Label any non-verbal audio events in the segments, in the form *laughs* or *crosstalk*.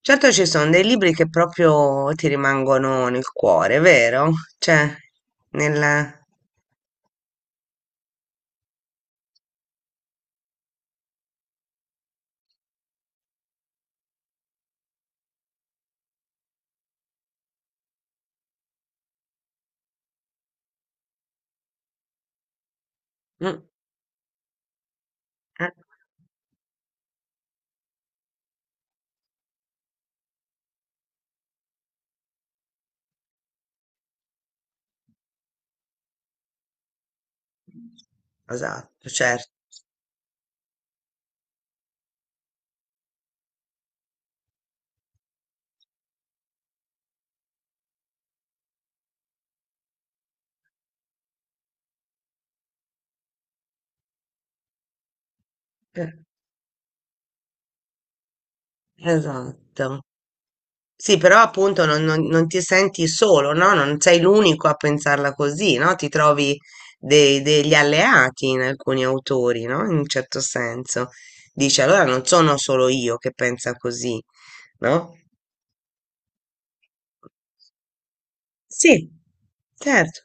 Certo ci sono dei libri che proprio ti rimangono nel cuore, vero? Cioè, nel... Mm. Eh. Esatto, certo. Eh. Esatto. Sì, però appunto non ti senti solo, no? Non sei l'unico a pensarla così, no? Ti trovi degli alleati in alcuni autori, no? In un certo senso. Dici, allora non sono solo io che pensa così, no? Sì, certo.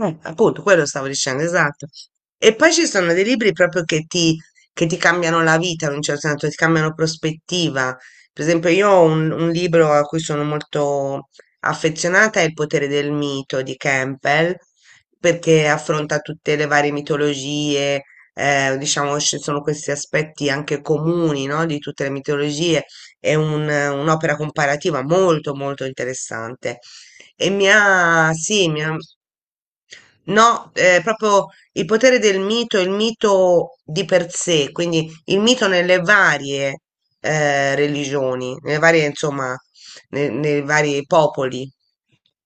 Appunto, quello stavo dicendo, esatto. E poi ci sono dei libri proprio che ti cambiano la vita in un certo senso, ti cambiano prospettiva. Per esempio, io ho un libro a cui sono molto affezionata, è Il potere del mito di Campbell, perché affronta tutte le varie mitologie, diciamo, ci sono questi aspetti anche comuni, no, di tutte le mitologie. È un'opera comparativa molto, molto interessante. E mi ha, sì, mi ha. No, proprio Il potere del mito, il mito di per sé, quindi il mito nelle varie religioni, nelle varie, insomma, nei vari popoli,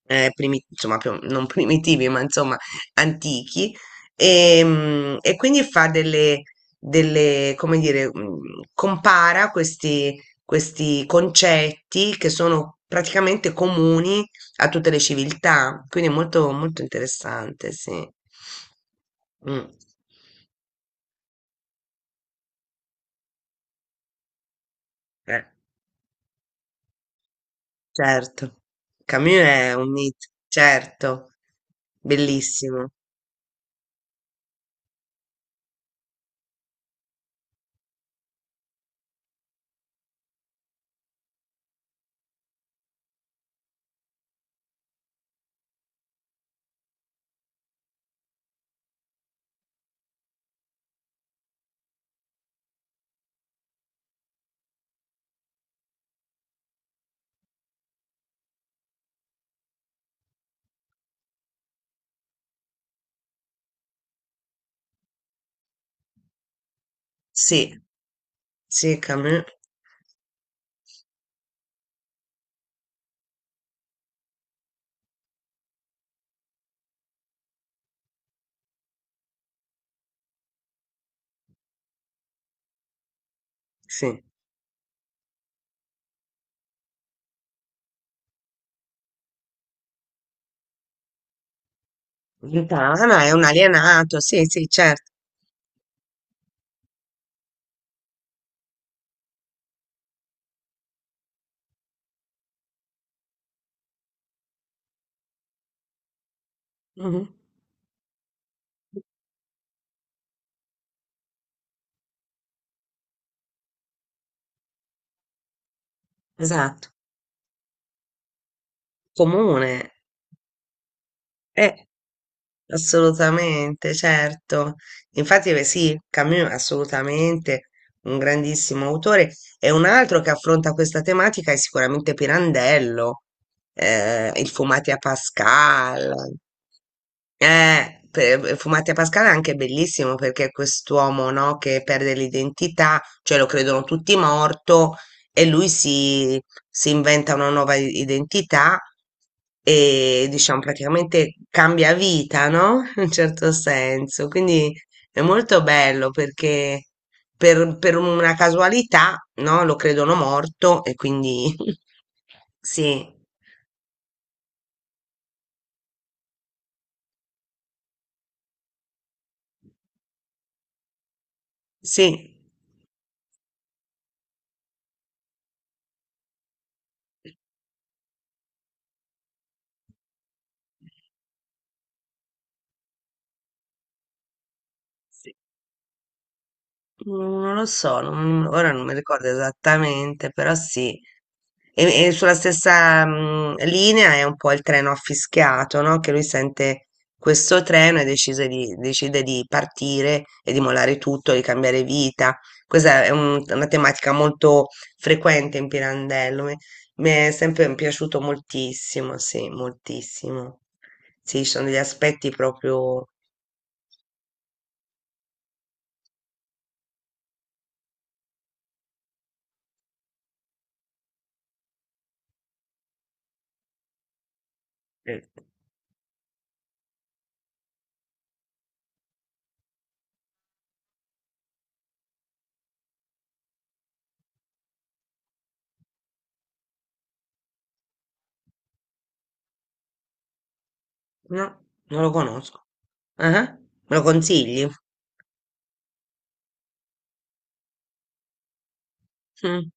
insomma, non primitivi, ma insomma, antichi, e quindi fa delle, come dire, compara questi concetti che sono praticamente comuni a tutte le civiltà, quindi è molto, molto interessante, sì. Mm. Eh, certo. Camus è un mito, certo, bellissimo. Sì, sì, Camus, sì. Lontano, è un alienato, sì, sì, certo. Mhm. Esatto, comune. Eh. Assolutamente, certo. Infatti, beh, sì, Camus è assolutamente un grandissimo autore e un altro che affronta questa tematica è sicuramente Pirandello, Il Fumati a Pascal. Fumati a Pascal è anche bellissimo perché è quest'uomo, no, che perde l'identità, cioè lo credono tutti morto e lui si inventa una nuova identità e diciamo praticamente cambia vita, no? *laughs* In un certo senso. Quindi è molto bello perché per una casualità, no? Lo credono morto e quindi *laughs* sì, sì. Non lo so, ora non mi ricordo esattamente, però sì. E sulla stessa linea è un po' il treno affischiato, no? Che lui sente questo treno e decide di partire e di mollare tutto, di cambiare vita. Questa è una tematica molto frequente in Pirandello. Mi è sempre piaciuto moltissimo. Sì, ci sono degli aspetti proprio... eh, No, non lo conosco. Ah, me lo consigli? Mm.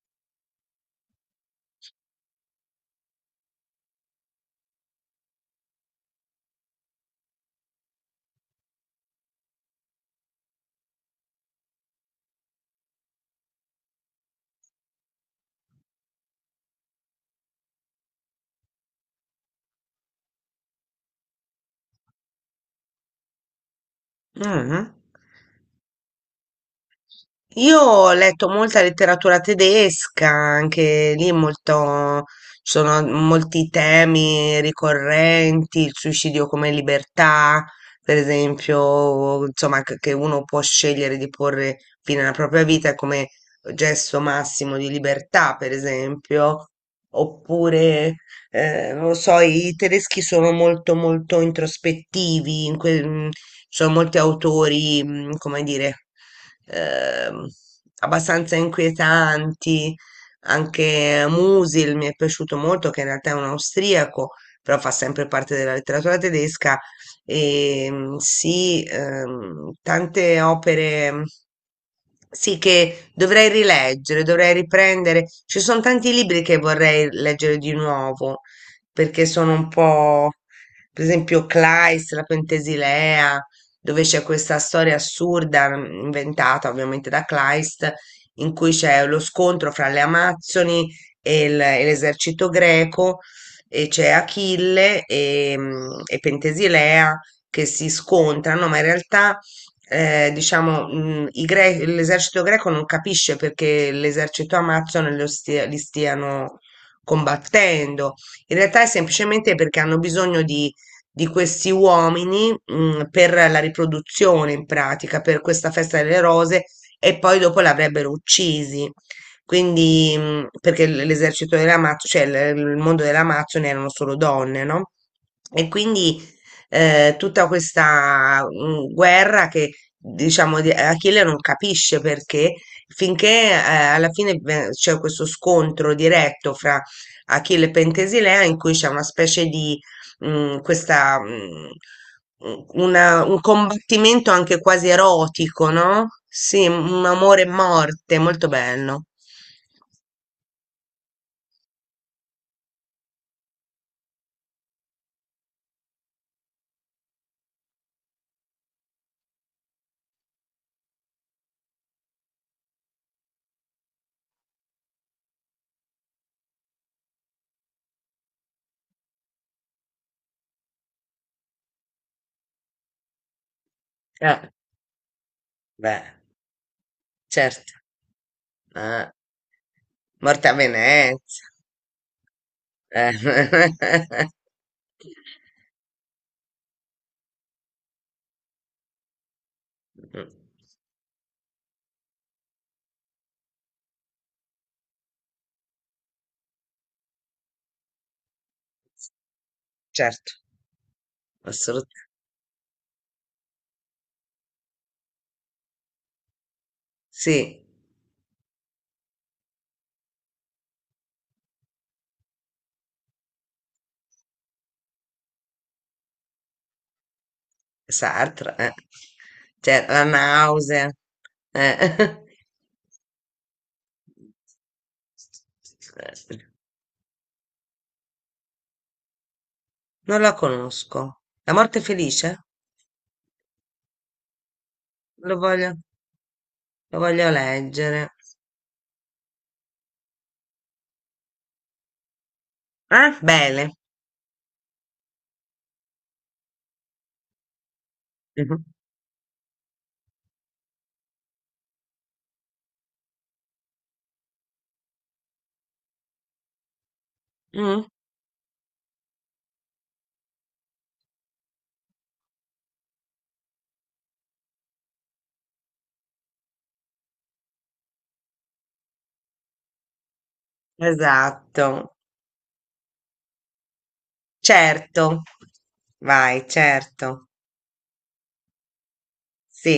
Ah. Io ho letto molta letteratura tedesca, anche lì molto, ci sono molti temi ricorrenti, il suicidio come libertà, per esempio, insomma, che uno può scegliere di porre fine alla propria vita come gesto massimo di libertà, per esempio, oppure non lo so, i tedeschi sono molto molto introspettivi, ci sono molti autori, come dire, ehm, abbastanza inquietanti, anche Musil mi è piaciuto molto, che in realtà è un austriaco, però fa sempre parte della letteratura tedesca, e sì, tante opere. Sì, che dovrei rileggere, dovrei riprendere. Ci sono tanti libri che vorrei leggere di nuovo perché sono un po', per esempio, Kleist, la Pentesilea, dove c'è questa storia assurda inventata ovviamente da Kleist, in cui c'è lo scontro fra le Amazzoni e l'esercito greco, e c'è Achille e Pentesilea che si scontrano, ma in realtà. Diciamo, l'esercito greco non capisce perché l'esercito amazzone li stiano combattendo in realtà è semplicemente perché hanno bisogno di questi uomini, per la riproduzione in pratica, per questa festa delle rose e poi dopo l'avrebbero uccisi. Quindi, perché l'esercito dell'Amazzo, cioè il mondo dell'Amazzone erano solo donne, no? E quindi tutta questa guerra che diciamo Achille non capisce perché finché alla fine c'è questo scontro diretto fra Achille Pentesilea in cui c'è una specie di questa, un combattimento anche quasi erotico, no? Sì, un amore e morte, molto bello. Eh, beh, certo. Eh, Morte a Venezia. Eh, *laughs* Certo, assolutamente. Sì, Sartre, eh. Cioè, La nausea. Eh. *laughs* Non la conosco. La morte felice? Lo voglio, lo voglio leggere. Eh? Bene. Mhm. Mm. Esatto. Certo. Vai, certo. Sì.